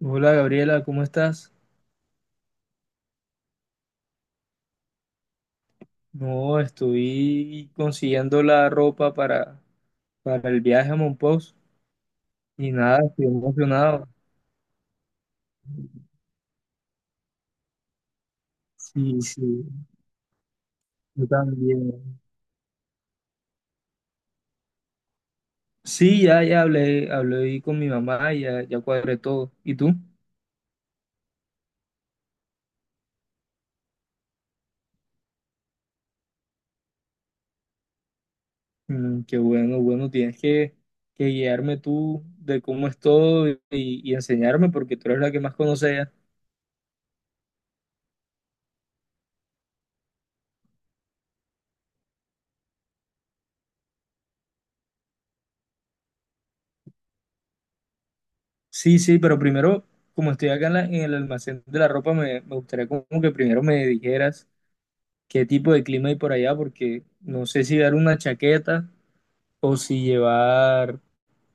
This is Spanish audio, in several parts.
Hola Gabriela, ¿cómo estás? No, estoy consiguiendo la ropa para el viaje a Monpós y nada, estoy emocionado. Sí, sí, yo también. Sí, ya, ya hablé ahí con mi mamá, ya, ya cuadré todo. ¿Y tú? Qué bueno, bueno, tienes que guiarme tú de cómo es todo y enseñarme porque tú eres la que más conoce ya. Sí, sí, pero primero, como estoy acá en el almacén de la ropa, me gustaría como que primero me dijeras, qué tipo de clima hay por allá, porque no sé si llevar una chaqueta o si llevar,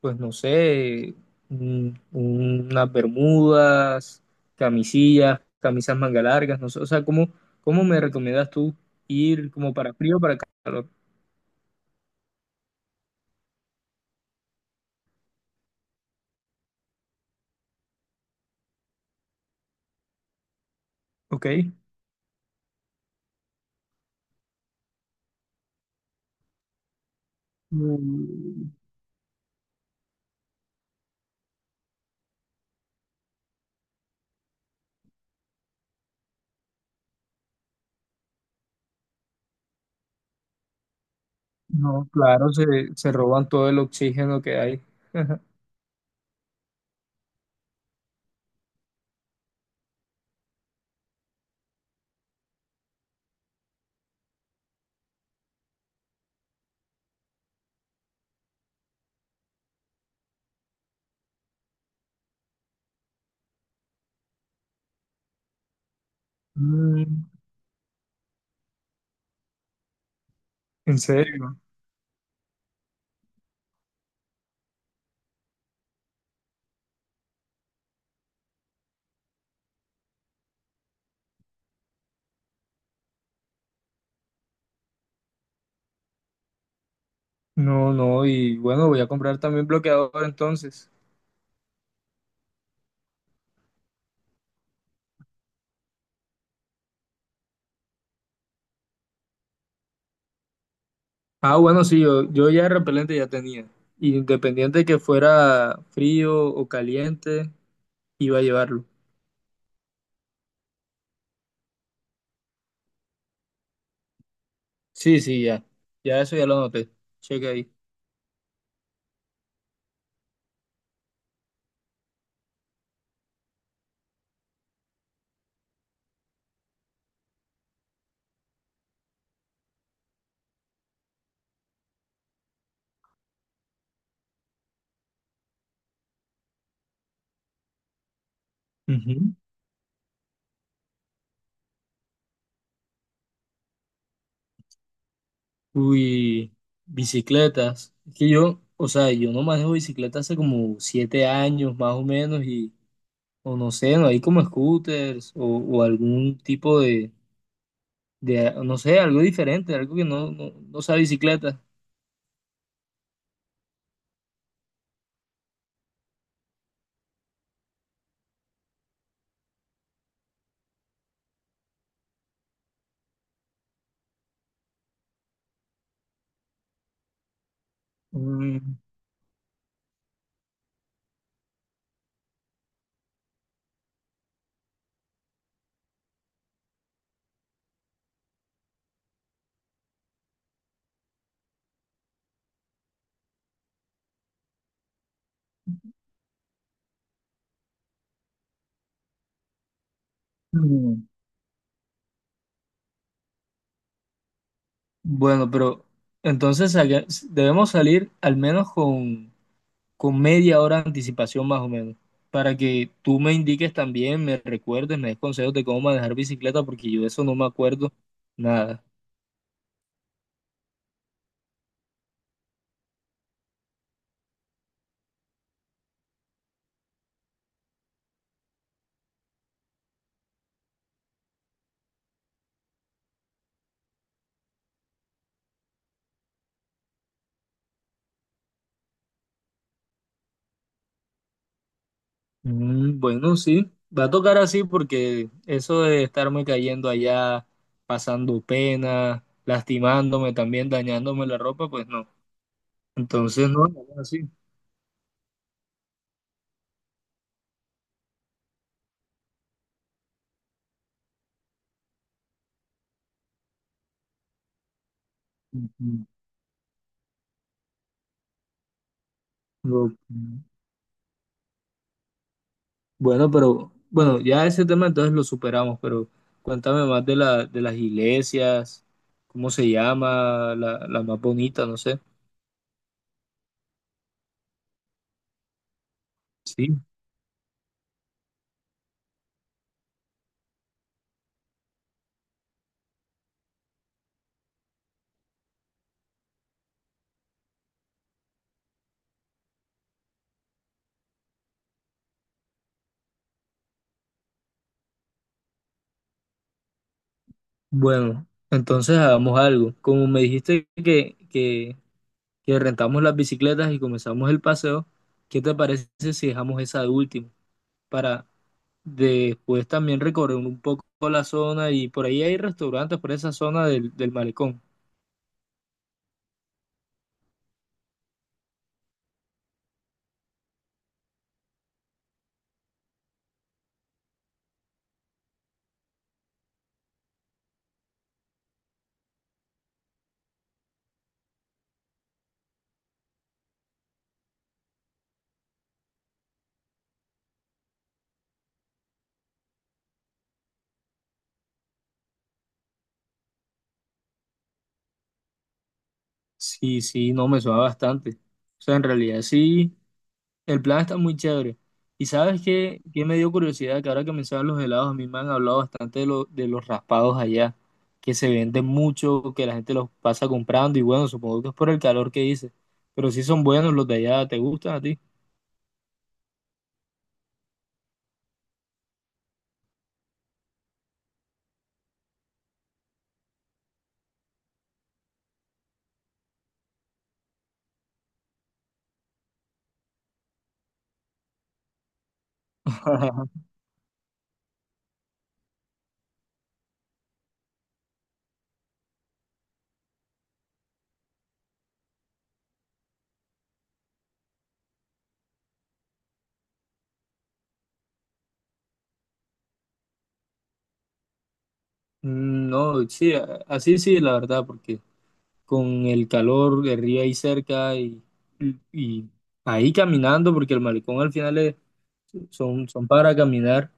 pues no sé, unas bermudas, camisillas, camisas manga largas, no sé, o sea, ¿cómo me recomiendas tú ir como para frío o para calor? ¿Ok? Mm. No, claro, se roban todo el oxígeno que hay. Mm. ¿En serio? No, no, y bueno, voy a comprar también bloqueador entonces. Ah, bueno, sí, yo ya repelente ya tenía. Independiente que fuera frío o caliente, iba a llevarlo. Sí, sí, ya. Ya eso ya lo noté. Checa ahí. Ujú. Uy, bicicletas. Es que yo, o sea, yo no manejo bicicleta hace como 7 años más o menos y, o no sé, no hay como scooters o algún tipo de, no sé, algo diferente, algo que no, no, no sea bicicleta. Mm. Bueno, pero entonces debemos salir al menos con media hora de anticipación más o menos, para que tú me indiques también, me recuerdes, me des consejos de cómo manejar bicicleta, porque yo de eso no me acuerdo nada. Bueno, sí, va a tocar así porque eso de estarme cayendo allá, pasando pena, lastimándome también, dañándome la ropa, pues no. Entonces no, así. Ujú. Bueno, pero bueno, ya ese tema entonces lo superamos, pero cuéntame más de las iglesias, cómo se llama, la más bonita, no sé. Sí. Bueno, entonces hagamos algo. Como me dijiste que rentamos las bicicletas y comenzamos el paseo, ¿qué te parece si dejamos esa de último? Para después también recorrer un poco la zona y por ahí hay restaurantes por esa zona del malecón. Sí, sí, no me suena bastante. O sea, en realidad sí. El plan está muy chévere. Y sabes qué me dio curiosidad, que ahora que mencionan los helados, a mí me han hablado bastante de los raspados allá, que se venden mucho, que la gente los pasa comprando y bueno, supongo que es por el calor que hice, pero sí son buenos los de allá, ¿te gustan a ti? No, sí, así sí, la verdad, porque con el calor de río ahí cerca y ahí caminando, porque el malecón al final son para caminar,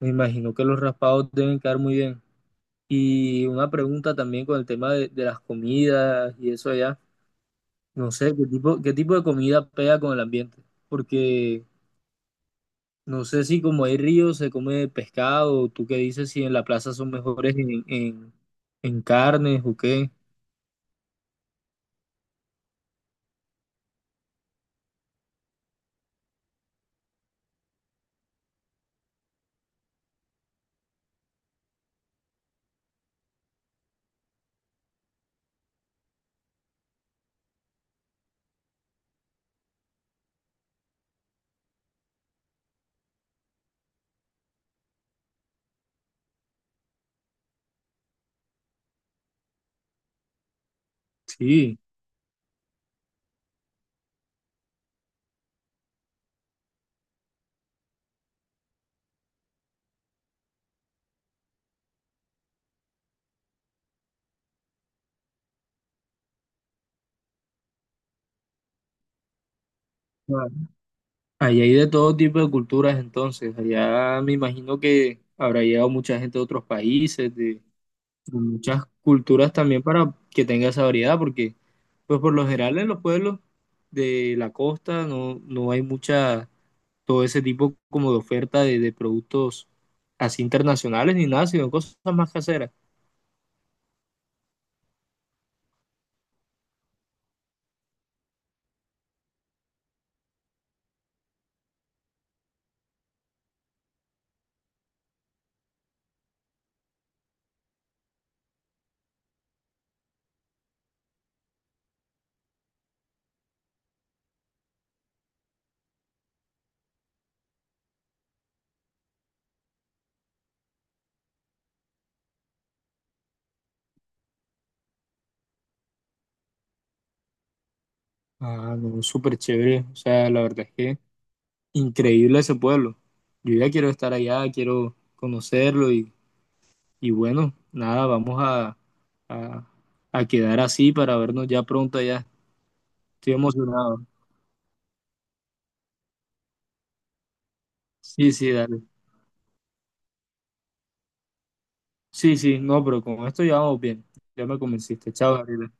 me imagino que los raspados deben quedar muy bien. Y una pregunta también con el tema de las comidas y eso allá. No sé, ¿qué tipo de comida pega con el ambiente? Porque no sé si como hay ríos se come pescado, ¿tú qué dices si en la plaza son mejores en carnes o qué? Sí. Ah, allá hay de todo tipo de culturas entonces. Allá me imagino que habrá llegado mucha gente de otros países, de muchas culturas también para que tenga esa variedad, porque pues por lo general en los pueblos de la costa, no, no hay mucha, todo ese tipo como de oferta de productos así internacionales ni nada, sino cosas más caseras. Ah, no, súper chévere. O sea, la verdad es que increíble ese pueblo. Yo ya quiero estar allá, quiero conocerlo y bueno, nada, vamos a, a quedar así para vernos ya pronto allá. Estoy emocionado. Sí, sí, dale. Sí, sí, no, pero con esto ya vamos bien. Ya me convenciste. Chao, Gabriela.